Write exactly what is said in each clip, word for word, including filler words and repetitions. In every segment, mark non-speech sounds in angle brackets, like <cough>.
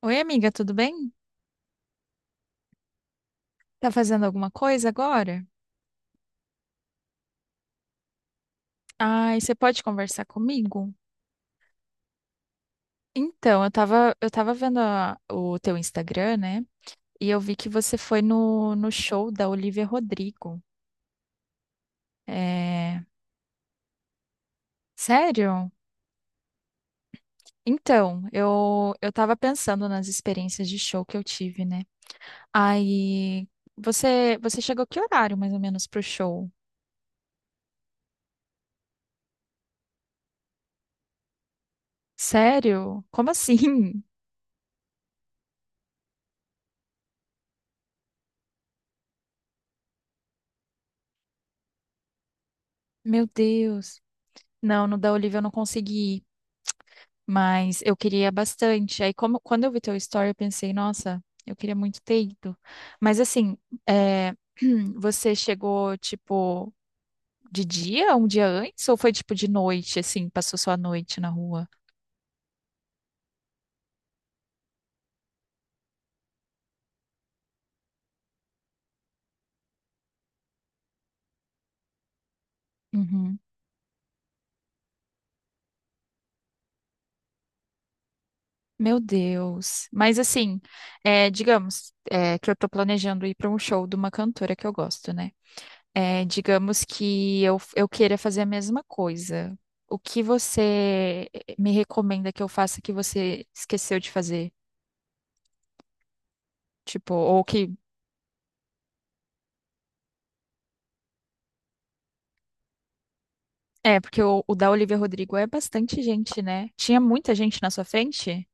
Oi, amiga, tudo bem? Tá fazendo alguma coisa agora? Ai, você pode conversar comigo? Então, eu tava, eu tava vendo a- o teu Instagram, né? E eu vi que você foi no, no show da Olivia Rodrigo. É. Sério? Então, eu, eu tava pensando nas experiências de show que eu tive, né? Aí, você, você chegou que horário, mais ou menos, pro show? Sério? Como assim? <laughs> Meu Deus. Não, no da Olivia eu não consegui ir. Mas eu queria bastante. Aí, como, quando eu vi teu story, eu pensei, nossa, eu queria muito ter ido. Mas assim, é, <clears throat> você chegou, tipo, de dia, um dia antes, ou foi tipo de noite, assim, passou só a noite na rua? Uhum. Meu Deus. Mas assim, é, digamos, é, que eu tô planejando ir para um show de uma cantora que eu gosto, né? É, digamos que eu, eu queira fazer a mesma coisa. O que você me recomenda que eu faça que você esqueceu de fazer? Tipo, ou que. É, porque o, o da Olivia Rodrigo é bastante gente, né? Tinha muita gente na sua frente?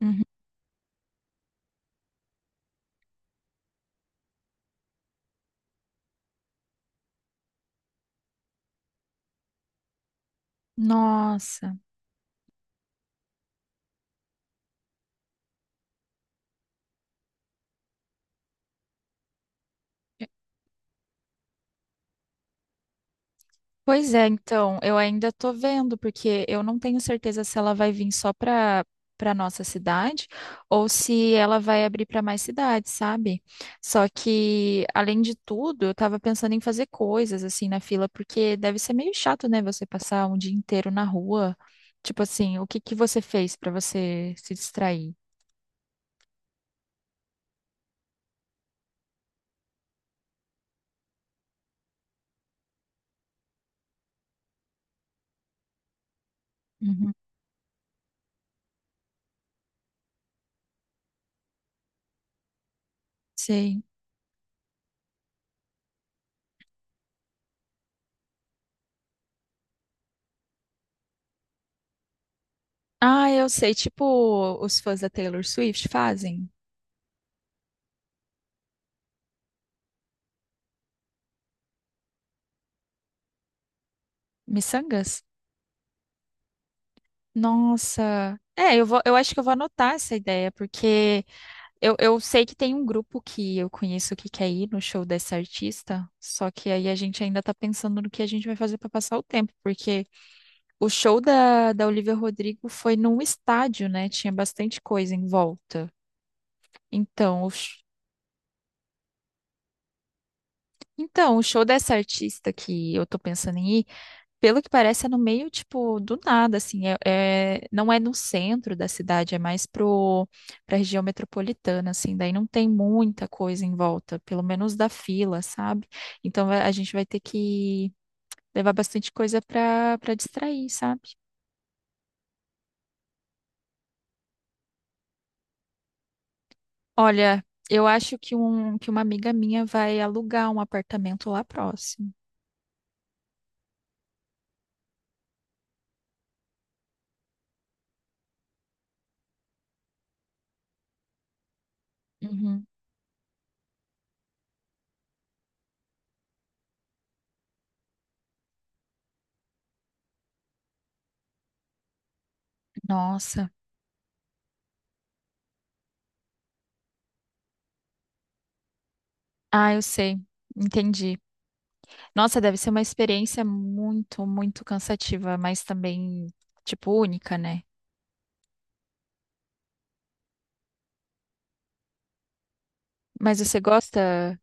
Uhum. Nossa. Pois é, então, eu ainda tô vendo, porque eu não tenho certeza se ela vai vir só para para nossa cidade ou se ela vai abrir para mais cidades, sabe? Só que, além de tudo, eu tava pensando em fazer coisas assim na fila, porque deve ser meio chato, né, você passar um dia inteiro na rua. Tipo assim, o que que você fez para você se distrair? Uhum. Sei. Ah, eu sei, tipo, os fãs da Taylor Swift fazem miçangas? Nossa. É, eu vou, eu acho que eu vou anotar essa ideia, porque eu, eu sei que tem um grupo que eu conheço que quer ir no show dessa artista, só que aí a gente ainda tá pensando no que a gente vai fazer pra passar o tempo, porque o show da, da Olivia Rodrigo foi num estádio, né? Tinha bastante coisa em volta. Então, o, sh- então, o show dessa artista que eu tô pensando em ir. Pelo que parece, é no meio, tipo, do nada, assim, é, é- não é no centro da cidade, é mais pro, pra região metropolitana, assim, daí não tem muita coisa em volta, pelo menos da fila, sabe? Então vai- a gente vai ter que levar bastante coisa pra, pra distrair, sabe? Olha, eu acho que, um, que uma amiga minha vai alugar um apartamento lá próximo. Uhum. Nossa, ah, eu sei, entendi. Nossa, deve ser uma experiência muito, muito cansativa, mas também, tipo, única, né? Mas você gosta,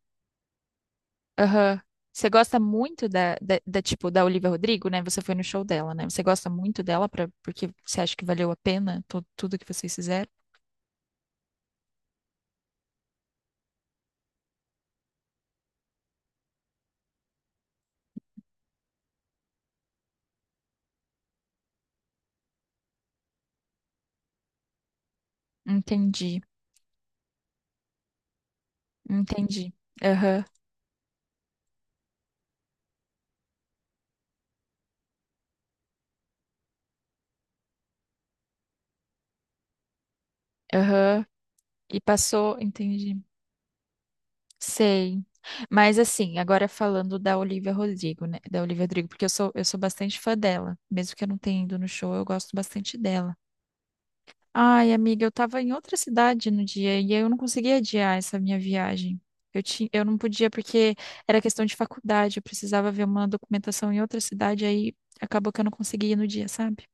aham, Você gosta muito da, da, da, tipo, da Olivia Rodrigo, né? Você foi no show dela, né? Você gosta muito dela pra, porque você acha que valeu a pena tu- tudo que vocês fizeram? Entendi, entendi. Aham, aham. E passou, entendi. Sei. Mas assim, agora falando da Olivia Rodrigo, né? Da Olivia Rodrigo, porque eu sou, eu sou bastante fã dela. Mesmo que eu não tenha ido no show, eu gosto bastante dela. Ai, amiga, eu tava em outra cidade no dia e eu não conseguia adiar essa minha viagem. Eu tinha, eu não podia porque era questão de faculdade, eu precisava ver uma documentação em outra cidade, aí acabou que eu não conseguia ir no dia, sabe?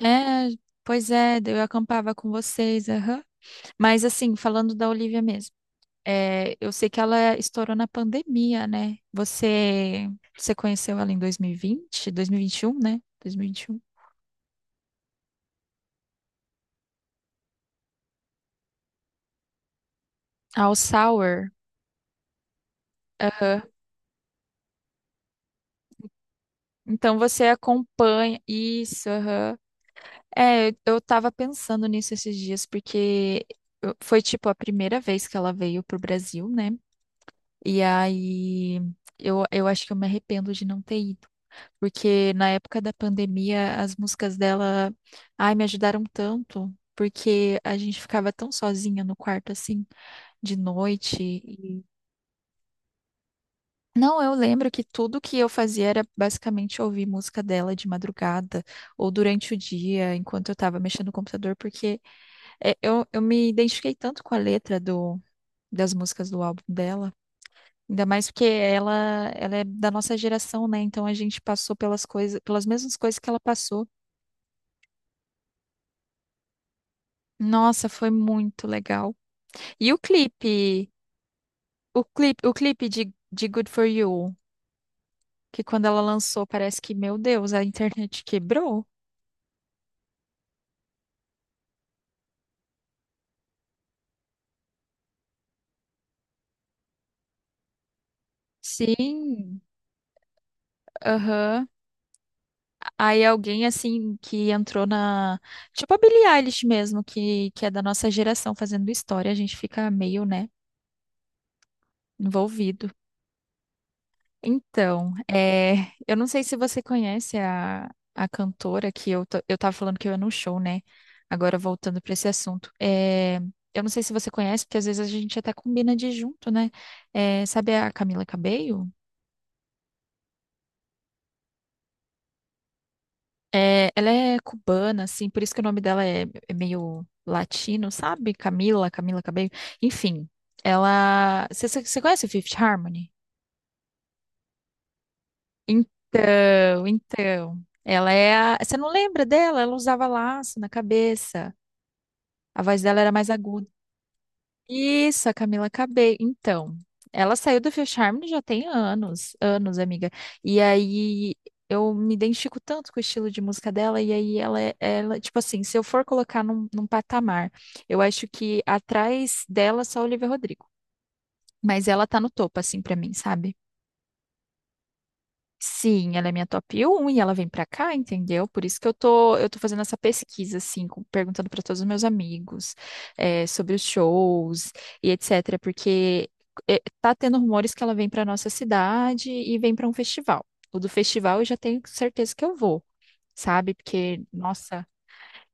É, pois é, daí eu acampava com vocês, aham. Mas assim, falando da Olivia mesmo. É, eu sei que ela estourou na pandemia, né? Você, você conheceu ela em dois mil e vinte, dois mil e vinte e um, né? dois mil e vinte e um. All Sour. Aham. Então você acompanha isso, aham. É, eu tava pensando nisso esses dias, porque eu- foi tipo a primeira vez que ela veio pro Brasil, né? E aí eu, eu acho que eu me arrependo de não ter ido. Porque na época da pandemia, as músicas dela, ai, me ajudaram tanto, porque a gente ficava tão sozinha no quarto, assim, de noite. e- Não, eu lembro que tudo que eu fazia era basicamente ouvir música dela de madrugada ou durante o dia, enquanto eu tava mexendo no computador, porque é, eu, eu me identifiquei tanto com a letra do, das músicas do álbum dela. Ainda mais porque ela, ela é da nossa geração, né? Então a gente passou pelas coisas, pelas mesmas coisas que ela passou. Nossa, foi muito legal. E o clipe, o clipe, o clipe de, de Good For You, que quando ela lançou, parece que, meu Deus, a internet quebrou. Sim, aham. Aí alguém assim que entrou na, tipo a Billie Eilish mesmo, que que é da nossa geração fazendo história, a gente fica meio, né, envolvido. Então, é, eu não sei se você conhece a, a cantora que eu, ta- eu tava falando que eu ia no show, né? Agora voltando para esse assunto. É, eu não sei se você conhece, porque às vezes a gente até combina de ir junto, né? É, sabe a Camila Cabello? É, ela é cubana, assim, por isso que o nome dela é, é meio latino, sabe? Camila, Camila Cabello. Enfim, ela. Você você- você conhece o Fifth Harmony? Então, então, ela é a. Você não lembra dela? Ela usava laço na cabeça. A voz dela era mais aguda. Isso, a Camila Cabello. Então, ela saiu do Fifth Harmony já tem anos, anos, amiga. E aí eu me identifico tanto com o estilo de música dela, e aí ela, é- ela tipo assim, se eu for colocar num, num patamar, eu acho que atrás dela só Olivia Rodrigo. Mas ela tá no topo, assim, pra mim, sabe? Sim, ela é minha top um e ela vem pra cá, entendeu? Por isso que eu tô, eu tô fazendo essa pesquisa, assim, com- perguntando pra todos os meus amigos, eh, sobre os shows e etcétera. Porque eh, tá tendo rumores que ela vem pra nossa cidade e vem pra um festival. O do festival eu já tenho certeza que eu vou, sabe? Porque, nossa,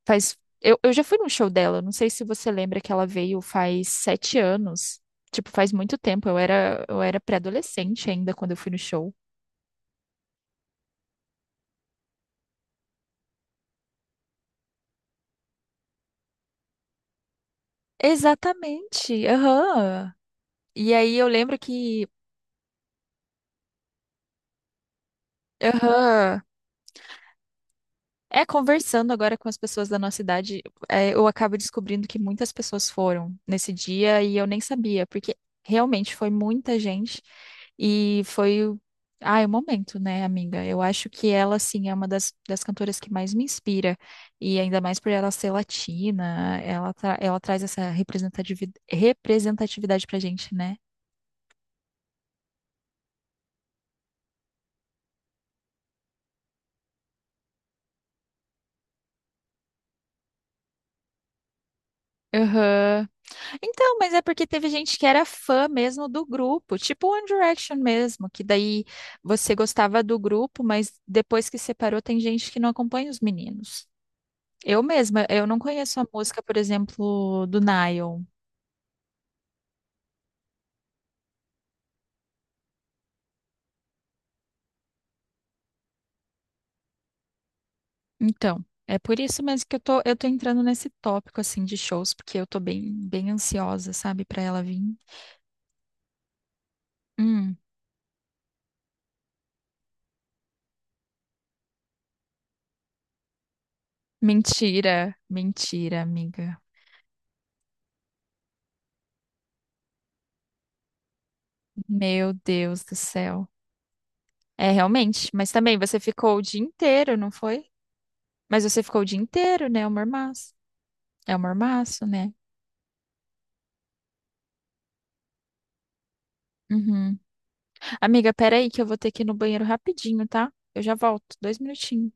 faz. Eu, eu já fui num show dela, não sei se você lembra que ela veio faz sete anos. Tipo, faz muito tempo, eu era, eu era pré-adolescente ainda quando eu fui no show. Exatamente. Aham. E aí eu lembro que, aham, é conversando agora com as pessoas da nossa idade, é, eu acabo descobrindo que muitas pessoas foram nesse dia e eu nem sabia, porque realmente foi muita gente e foi, o- ai, o momento, né, amiga? Eu acho que ela, assim, é uma das, das cantoras que mais me inspira e ainda mais por ela ser latina, ela, tra- ela traz essa representativi- representatividade pra gente, né? Aham. Então, mas é porque teve gente que era fã mesmo do grupo, tipo One Direction mesmo, que daí você gostava do grupo, mas depois que separou tem gente que não acompanha os meninos. Eu mesma, eu não conheço a música, por exemplo, do Nile. Então, é por isso mesmo que eu tô, eu tô entrando nesse tópico assim de shows, porque eu tô bem, bem ansiosa, sabe, pra ela vir. Hum, mentira, mentira, amiga. Meu Deus do céu. É, realmente, mas também você ficou o dia inteiro, não foi? Mas você ficou o dia inteiro, né? É um mormaço. É um mormaço, né? Uhum. Amiga, peraí que eu vou ter que ir no banheiro rapidinho, tá? Eu já volto. Dois minutinhos.